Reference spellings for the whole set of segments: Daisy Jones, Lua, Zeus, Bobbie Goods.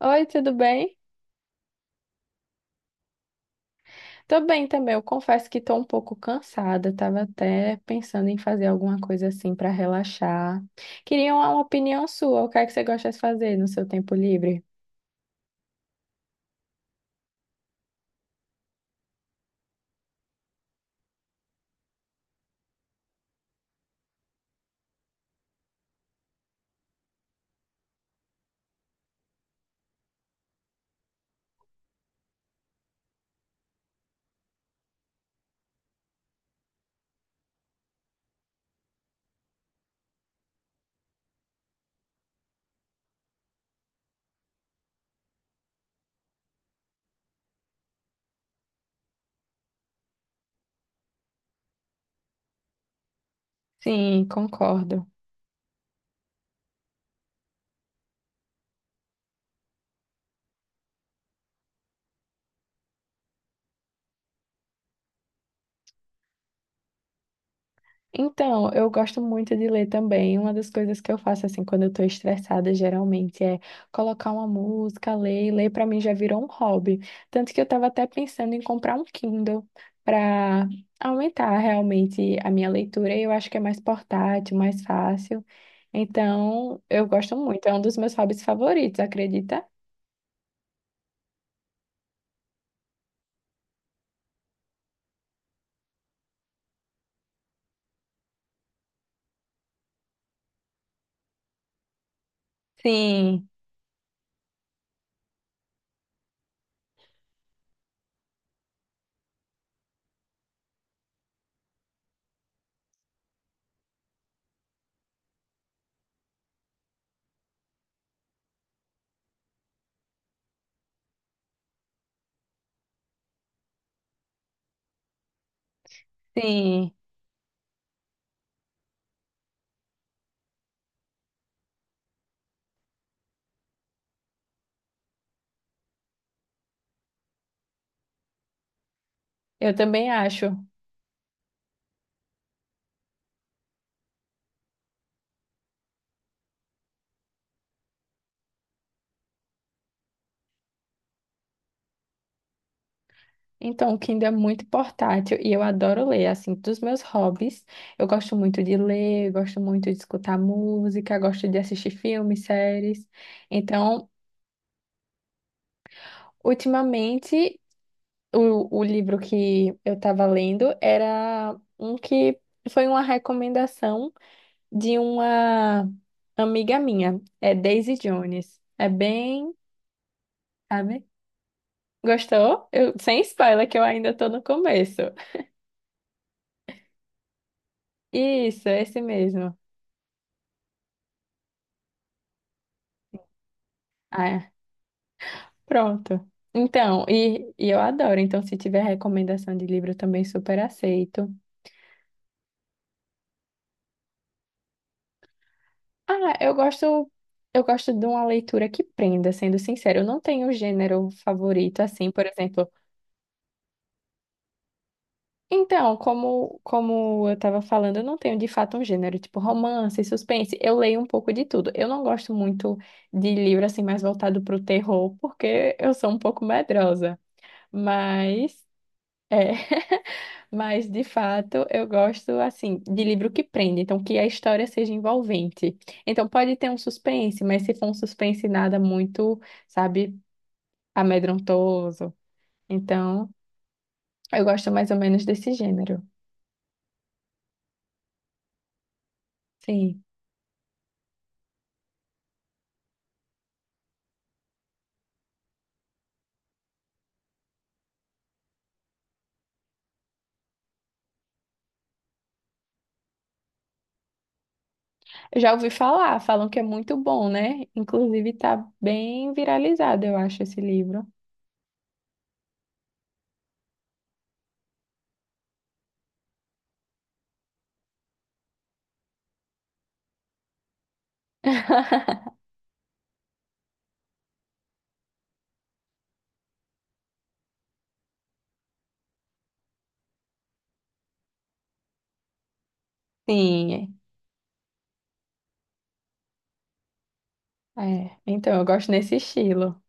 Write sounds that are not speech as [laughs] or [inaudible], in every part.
Oi, tudo bem? Tô bem também. Eu confesso que tô um pouco cansada. Tava até pensando em fazer alguma coisa assim pra relaxar. Queria uma opinião sua. O que é que você gosta de fazer no seu tempo livre? Sim, concordo. Então, eu gosto muito de ler também. Uma das coisas que eu faço, assim, quando eu tô estressada, geralmente, é colocar uma música, ler. E ler pra mim já virou um hobby. Tanto que eu tava até pensando em comprar um Kindle pra aumentar realmente a minha leitura. E eu acho que é mais portátil, mais fácil. Então, eu gosto muito. É um dos meus hobbies favoritos, acredita? Sim, sim. Eu também acho. Então, o Kindle é muito portátil e eu adoro ler. Assim, dos meus hobbies, eu gosto muito de ler, gosto muito de escutar música, gosto de assistir filmes, séries. Então, ultimamente, o livro que eu estava lendo era um que foi uma recomendação de uma amiga minha, é Daisy Jones. É bem, sabe? Gostou? Eu, sem spoiler, que eu ainda estou no começo. Isso, é esse mesmo. Ah, é. Pronto. Então, e eu adoro. Então, se tiver recomendação de livro, eu também super aceito. Ah, eu gosto de uma leitura que prenda, sendo sincero. Eu não tenho gênero favorito, assim, por exemplo. Então, como eu estava falando, eu não tenho de fato um gênero, tipo romance, suspense. Eu leio um pouco de tudo. Eu não gosto muito de livro, assim, mais voltado para o terror, porque eu sou um pouco medrosa. Mas. é, Mas, de fato, eu gosto, assim, de livro que prende, então que a história seja envolvente. Então, pode ter um suspense, mas se for um suspense nada muito, sabe, amedrontoso. Então, eu gosto mais ou menos desse gênero. Sim. Eu já ouvi falar, falam que é muito bom, né? Inclusive, tá bem viralizado, eu acho, esse livro. [laughs] Sim, é. É, então, eu gosto nesse estilo.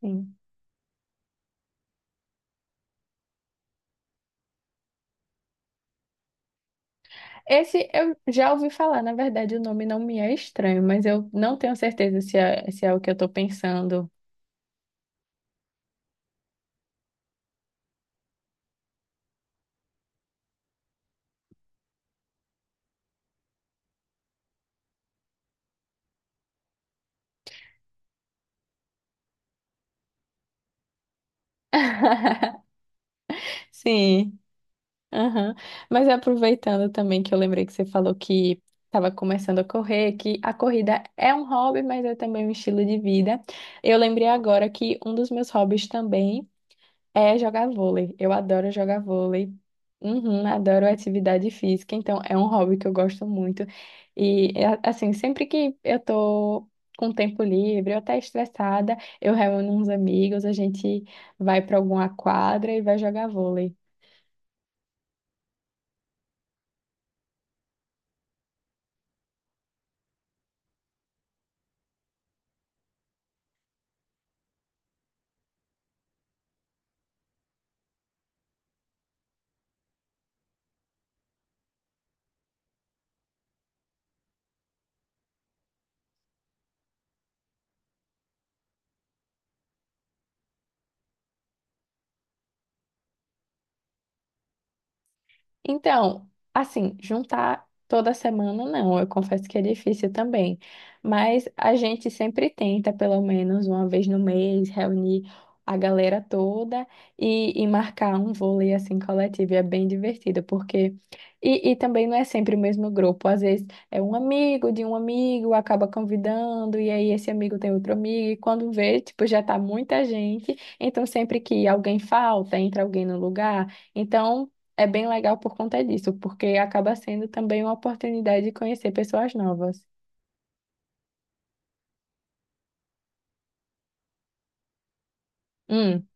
Sim. Esse eu já ouvi falar, na verdade, o nome não me é estranho, mas eu não tenho certeza se é, se é o que eu tô pensando. [laughs] Sim, aham. Mas aproveitando também que eu lembrei que você falou que estava começando a correr, que a corrida é um hobby, mas é também um estilo de vida. Eu lembrei agora que um dos meus hobbies também. É jogar vôlei. Eu adoro jogar vôlei. Uhum, adoro atividade física, então é um hobby que eu gosto muito. E é, assim, sempre que eu tô com tempo livre, ou até estressada, eu reúno uns amigos, a gente vai para alguma quadra e vai jogar vôlei. Então, assim, juntar toda semana não, eu confesso que é difícil também, mas a gente sempre tenta, pelo menos uma vez no mês, reunir a galera toda e marcar um vôlei assim coletivo, e é bem divertido, porque. E também não é sempre o mesmo grupo, às vezes é um amigo de um amigo, acaba convidando, e aí esse amigo tem outro amigo, e quando vê, tipo, já tá muita gente, então sempre que alguém falta, entra alguém no lugar. Então, é bem legal por conta disso, porque acaba sendo também uma oportunidade de conhecer pessoas novas. Hum,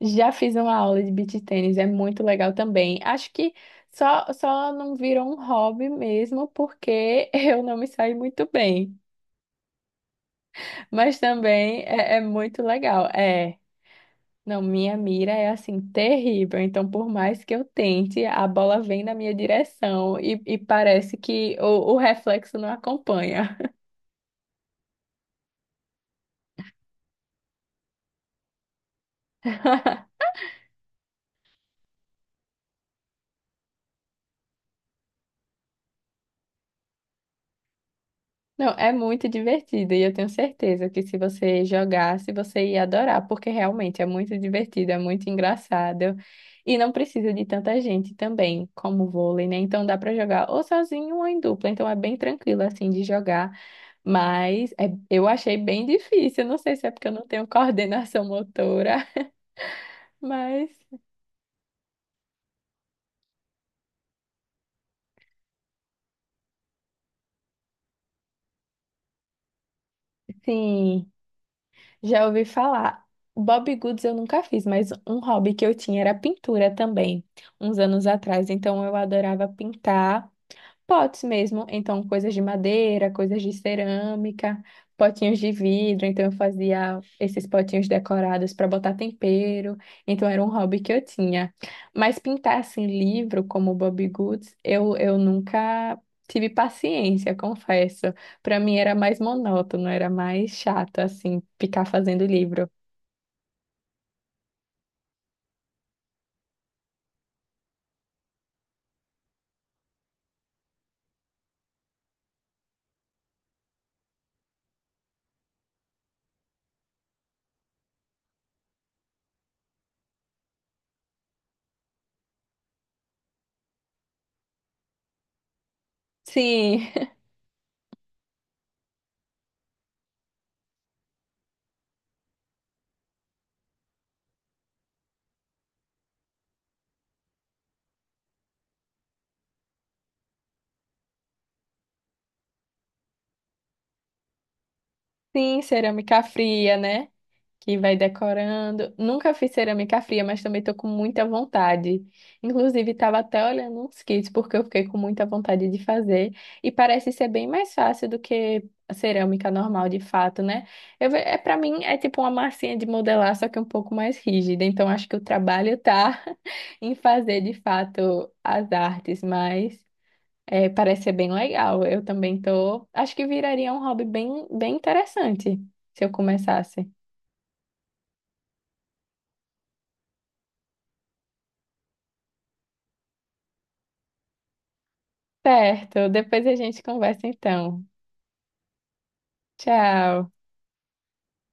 já fiz uma aula de beach tênis, é muito legal também. Acho que só não virou um hobby mesmo, porque [laughs] eu não me saí muito bem. Mas também é, é muito legal. É, não, minha mira é assim, terrível. Então, por mais que eu tente, a bola vem na minha direção e parece que o reflexo não acompanha. [laughs] Não, é muito divertido e eu tenho certeza que se você jogasse, você ia adorar, porque realmente é muito divertido, é muito engraçado e não precisa de tanta gente também, como o vôlei, né? Então dá para jogar ou sozinho ou em dupla, então é bem tranquilo assim de jogar, mas é- eu achei bem difícil, eu não sei se é porque eu não tenho coordenação motora, [laughs] mas sim, já ouvi falar. Bob Goods eu nunca fiz, mas um hobby que eu tinha era pintura também, uns anos atrás. Então eu adorava pintar. Potes mesmo, então coisas de madeira, coisas de cerâmica, potinhos de vidro, então eu fazia esses potinhos decorados para botar tempero, então era um hobby que eu tinha. Mas pintar assim livro como Bobbie Goods, eu nunca tive paciência, confesso. Para mim era mais monótono, era mais chato assim ficar fazendo livro. Sim, [laughs] sim, cerâmica fria, né? Que vai decorando. Nunca fiz cerâmica fria, mas também tô com muita vontade. Inclusive, estava até olhando uns kits, porque eu fiquei com muita vontade de fazer. E parece ser bem mais fácil do que a cerâmica normal, de fato, né? Eu, ve- é, para mim, é tipo uma massinha de modelar, só que um pouco mais rígida. Então, acho que o trabalho tá [laughs] em fazer, de fato, as artes, mas... é, parece ser bem legal. Eu também tô. Acho que viraria um hobby bem, bem interessante se eu começasse. Certo, depois a gente conversa então. Tchau.